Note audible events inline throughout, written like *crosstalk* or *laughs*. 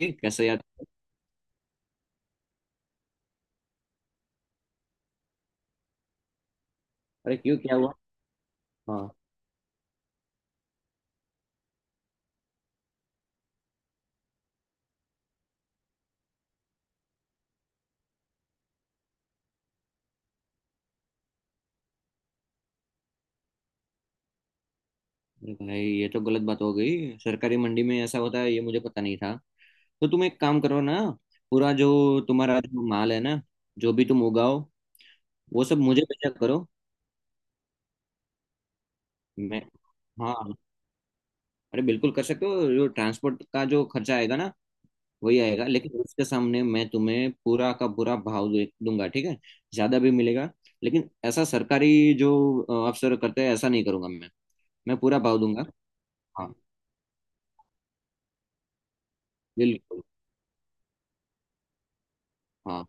ये कैसे याद। अरे क्यों? क्या हुआ? हाँ। अरे भाई ये तो गलत बात हो गई, सरकारी मंडी में ऐसा होता है ये मुझे पता नहीं था। तो तुम एक काम करो ना, पूरा जो तुम्हारा जो माल है ना, जो भी तुम उगाओ वो सब मुझे भेजा करो। मैं। हाँ। अरे बिल्कुल कर सकते हो, जो ट्रांसपोर्ट का जो खर्चा आएगा ना वही आएगा, लेकिन उसके सामने मैं तुम्हें पूरा का पूरा भाव दे दूंगा। ठीक है, ज्यादा भी मिलेगा। लेकिन ऐसा सरकारी जो अफसर करते हैं ऐसा नहीं करूंगा मैं। मैं पूरा भाव दूंगा। हाँ। बिल्कुल। हाँ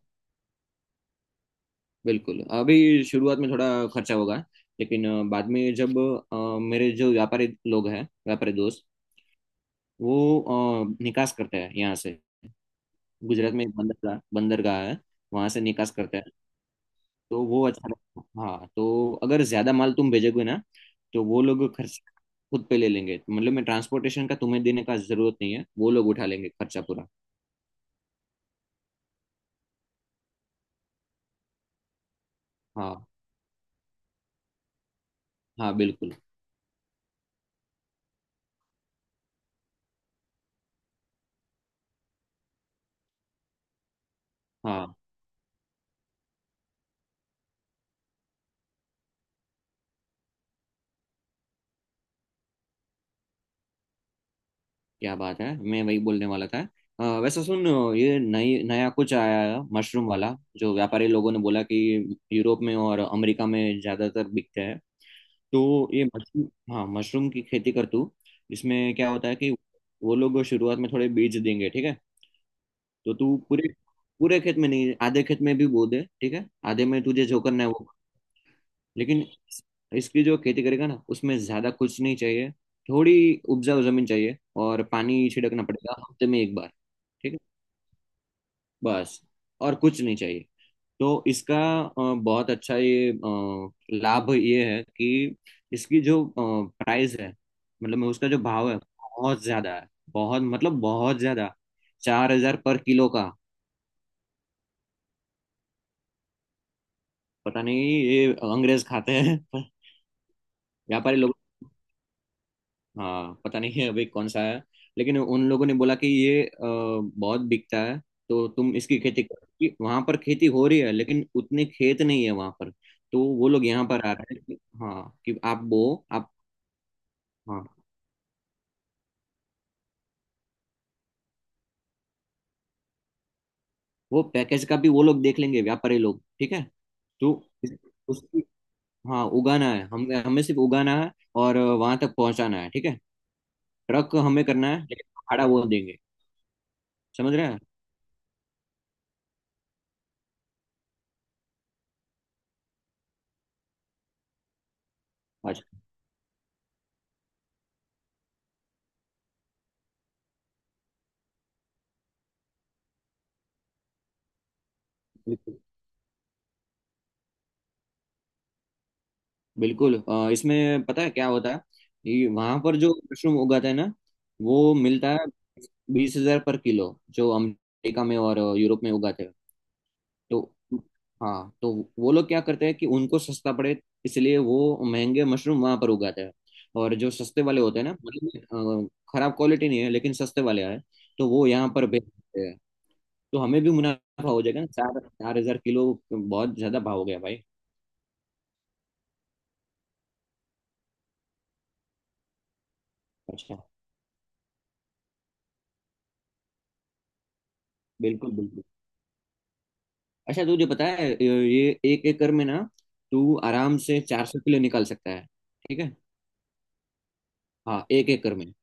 बिल्कुल, अभी शुरुआत में थोड़ा खर्चा होगा। लेकिन बाद में जब मेरे जो व्यापारी लोग हैं, व्यापारी दोस्त, वो निकास करते हैं यहाँ से। गुजरात में एक बंदरगाह बंदरगाह है, वहाँ से निकास करते हैं। तो वो अच्छा रहेगा। हाँ, तो अगर ज़्यादा माल तुम भेजोगे ना तो वो लोग खर्च खुद पे ले लेंगे। मतलब मैं ट्रांसपोर्टेशन का तुम्हें देने का जरूरत नहीं है, वो लोग उठा लेंगे खर्चा पूरा। हाँ। हाँ बिल्कुल। हाँ। क्या बात है, मैं वही बोलने वाला था। वैसे सुन, ये नई नया कुछ आया है मशरूम वाला। जो व्यापारी लोगों ने बोला कि यूरोप में और अमेरिका में ज्यादातर बिकते हैं। तो ये मशरूम। हाँ मशरूम की खेती कर तू। इसमें क्या होता है कि वो लोग शुरुआत में थोड़े बीज देंगे। ठीक है, तो तू पूरे पूरे खेत में नहीं, आधे खेत में भी बो दे। ठीक है, आधे में तुझे जो करना है वो। लेकिन इसकी जो खेती करेगा ना उसमें ज्यादा कुछ नहीं चाहिए। थोड़ी उपजाऊ जमीन चाहिए, और पानी छिड़कना पड़ेगा हफ्ते में एक बार। ठीक है। बस और कुछ नहीं चाहिए। तो इसका बहुत अच्छा, ये लाभ ये है कि इसकी जो प्राइस है, मतलब मैं उसका जो भाव है बहुत ज्यादा है। बहुत, मतलब बहुत ज्यादा। 4000 पर किलो का। पता नहीं, ये अंग्रेज खाते हैं *laughs* व्यापारी लोग। हाँ पता नहीं अभी कौन सा आया, लेकिन उन लोगों ने बोला कि ये बहुत बिकता है। तो तुम इसकी खेती करो, वहां पर खेती हो रही है लेकिन उतने खेत नहीं है वहां पर। तो वो लोग यहाँ पर आ रहे हैं कि, हाँ कि आप वो आप। हाँ। वो पैकेज का भी वो लोग देख लेंगे व्यापारी लोग। ठीक है, तो इस- उसकी। हाँ उगाना है, हम हमें सिर्फ उगाना है। और वहां तक पहुंचाना है। ठीक है, ट्रक हमें करना है लेकिन भाड़ा वो देंगे। समझ रहे हैं। अच्छा। बिल्कुल, इसमें पता है क्या होता है? ये वहां पर जो मशरूम उगाते हैं ना वो मिलता है 20000 पर किलो। जो अमेरिका में और यूरोप में उगाते हैं। तो। हाँ तो वो लोग क्या करते हैं कि उनको सस्ता पड़े, इसलिए वो महंगे मशरूम वहां पर उगाते हैं। और जो सस्ते वाले होते हैं ना, मतलब खराब क्वालिटी नहीं है लेकिन सस्ते वाले हैं, तो वो यहाँ पर बेचते हैं। तो हमें भी मुनाफा हो जाएगा ना, चार चार हजार किलो। बहुत ज्यादा भाव हो गया भाई। अच्छा। बिल्कुल बिल्कुल। अच्छा तुझे पता है, ये 1 एकड़ में ना तू आराम से 400 किलो निकाल सकता है। ठीक है। हाँ, 1 एकड़ में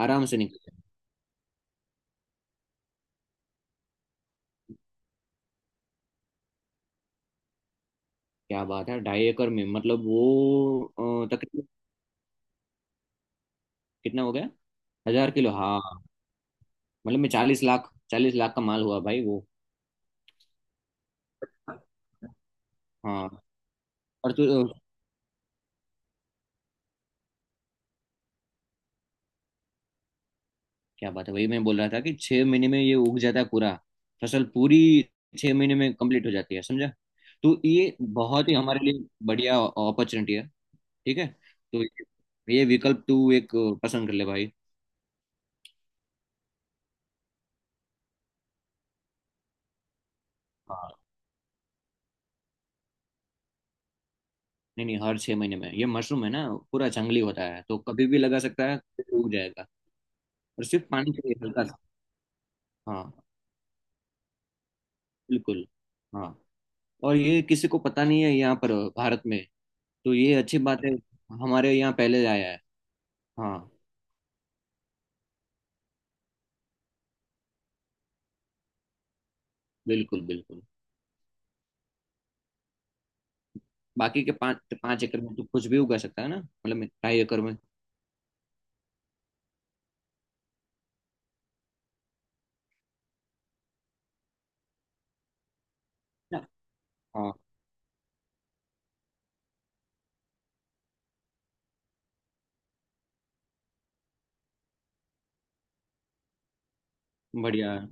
आराम से निकल सकता है। क्या बात है, 2.5 एकड़ में मतलब वो तकरीबन कितना हो गया? 1000 किलो, हाँ। मतलब मैं 40 लाख, 40 लाख का माल हुआ भाई वो। हाँ। और तू, क्या बात है, वही मैं बोल रहा था कि 6 महीने में ये उग जाता है पूरा। फसल पूरी 6 महीने में कंप्लीट हो जाती है, समझा? तो ये बहुत ही हमारे लिए बढ़िया अपॉर्चुनिटी है। ठीक है, तो ये विकल्प तू एक पसंद कर ले भाई। हाँ। नहीं नहीं, हर 6 महीने में, ये मशरूम है ना पूरा जंगली होता है, तो कभी भी लगा सकता है, कभी भी उग जाएगा। और सिर्फ पानी चाहिए हल्का सा। हाँ। बिल्कुल। हाँ। और ये किसी को पता नहीं है यहाँ पर, भारत में, तो ये अच्छी बात है। हमारे यहाँ पहले आया है। हाँ। बिल्कुल बिल्कुल। बाकी के 5 5 एकड़ में तो कुछ भी उगा सकता है ना, मतलब मैं 2.5 एकड़ में। ना? हाँ। बढ़िया है।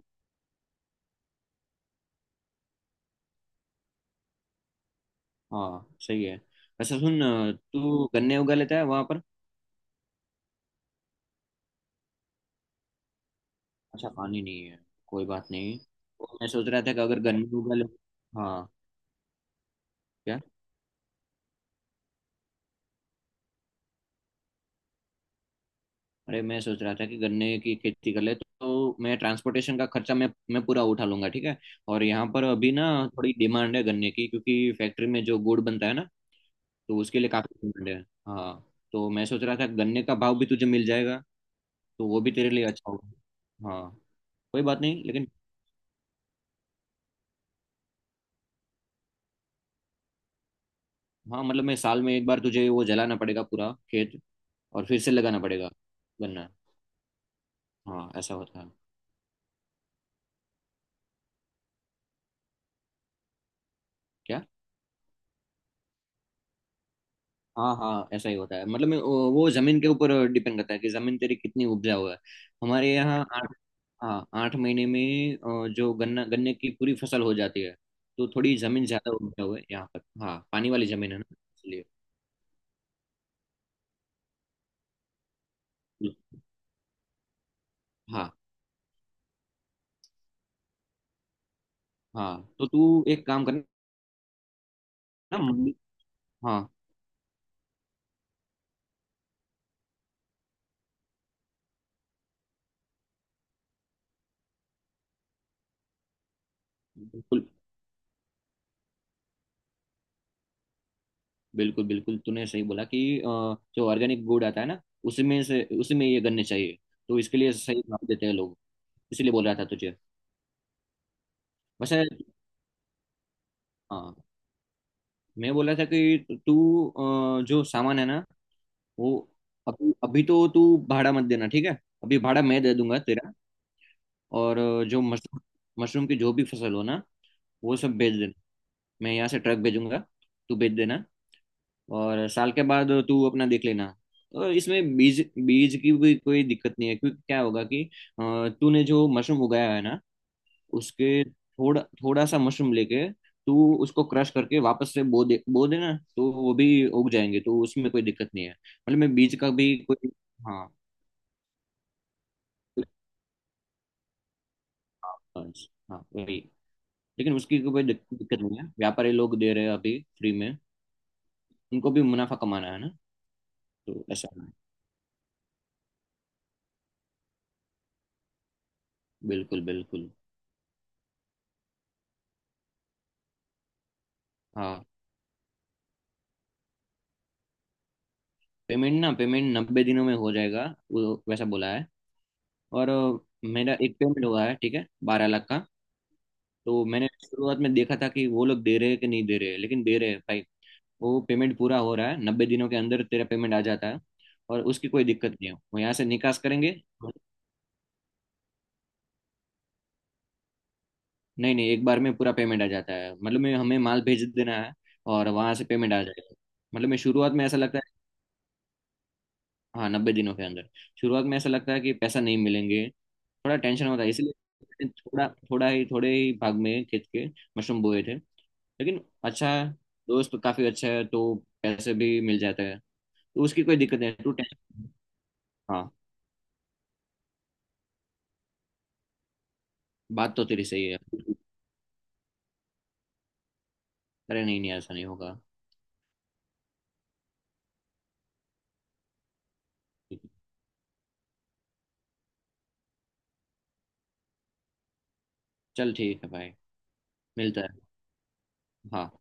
हाँ सही है। अच्छा सुन, तू गन्ने उगा लेता है वहां पर? अच्छा, पानी नहीं है, कोई बात नहीं। और मैं सोच रहा था कि अगर गन्ने उगा ले। हाँ। क्या? अरे मैं सोच रहा था कि गन्ने की खेती कर ले तो मैं ट्रांसपोर्टेशन का खर्चा मैं पूरा उठा लूंगा। ठीक है, और यहाँ पर अभी ना थोड़ी डिमांड है गन्ने की, क्योंकि फैक्ट्री में जो गुड़ बनता है ना तो उसके लिए काफी डिमांड है। हाँ, तो मैं सोच रहा था गन्ने का भाव भी तुझे मिल जाएगा, तो वो भी तेरे लिए अच्छा होगा। हाँ। कोई बात नहीं लेकिन। हाँ मतलब मैं, साल में एक बार तुझे वो जलाना पड़ेगा पूरा खेत, और फिर से लगाना पड़ेगा गन्ना। हाँ ऐसा होता है। क्या? हाँ हाँ ऐसा ही होता है। मतलब मैं- वो जमीन के ऊपर डिपेंड करता है कि जमीन तेरी कितनी उपजाऊ है। हमारे यहाँ आठ, हाँ 8 महीने में जो गन्ना गन्ने की पूरी फसल हो जाती है। तो थोड़ी जमीन ज्यादा उपजाऊ है यहाँ पर, हाँ पानी वाली जमीन है ना, इसलिए। हाँ। हाँ तो तू एक काम करना। मंडी। हाँ। बिल्कुल बिल्कुल बिल्कुल, तूने सही बोला कि जो ऑर्गेनिक गुड़ आता है ना, उसी में से उसी में ये गन्ने चाहिए। तो इसके लिए सही भाव देते हैं लोग, इसीलिए बोल रहा था तुझे। वैसे। हाँ। मैं बोला था कि तू जो सामान है ना, वो, अभी अभी तो तू भाड़ा मत देना। ठीक है, अभी भाड़ा मैं दे दूंगा तेरा। और जो मशरूम मशरूम की जो भी फसल हो ना वो सब भेज देना। मैं यहाँ से ट्रक भेजूंगा, तू भेज देना। और साल के बाद तू अपना देख लेना। और इसमें बीज, बीज की भी कोई दिक्कत नहीं है, क्योंकि क्या होगा कि तूने जो मशरूम उगाया है ना, उसके थोड़ा थोड़ा सा मशरूम लेके, तो उसको क्रश करके वापस से बो देना, तो वो भी उग जाएंगे। तो उसमें कोई दिक्कत नहीं है, मतलब मैं बीज का भी कोई। हाँ। हाँ, हाँ, वही। लेकिन उसकी कोई दिक्कत नहीं है, व्यापारी लोग दे रहे हैं अभी फ्री में। उनको भी मुनाफा कमाना है ना, तो ऐसा है। बिल्कुल बिल्कुल। हाँ। पेमेंट ना, पेमेंट 90 दिनों में हो जाएगा, वो वैसा बोला है। और मेरा एक पेमेंट हुआ है, ठीक है, 12 लाख का। तो मैंने शुरुआत में देखा था कि वो लोग दे रहे हैं कि नहीं दे रहे हैं, लेकिन दे रहे हैं भाई। वो पेमेंट पूरा हो रहा है, 90 दिनों के अंदर तेरा पेमेंट आ जाता है। और उसकी कोई दिक्कत नहीं है, वो यहाँ से निकास करेंगे। नहीं नहीं, एक बार में पूरा पेमेंट आ जाता है, मतलब में हमें माल भेज देना है और वहां से पेमेंट आ जाएगा। मतलब मैं शुरुआत में ऐसा लगता है। हाँ, 90 दिनों के अंदर। शुरुआत में ऐसा लगता है कि पैसा नहीं मिलेंगे, थोड़ा टेंशन होता है, इसलिए मैंने थोड़ा थोड़ा ही थोड़े ही भाग में खेत के मशरूम बोए थे। लेकिन अच्छा है, दोस्त काफी अच्छा है तो पैसे भी मिल जाते हैं। तो उसकी कोई दिक्कत नहीं, तू टेंशन। हाँ। बात तो तेरी सही है। अरे नहीं नहीं, ऐसा नहीं होगा। चल ठीक है भाई। मिलता है। हाँ।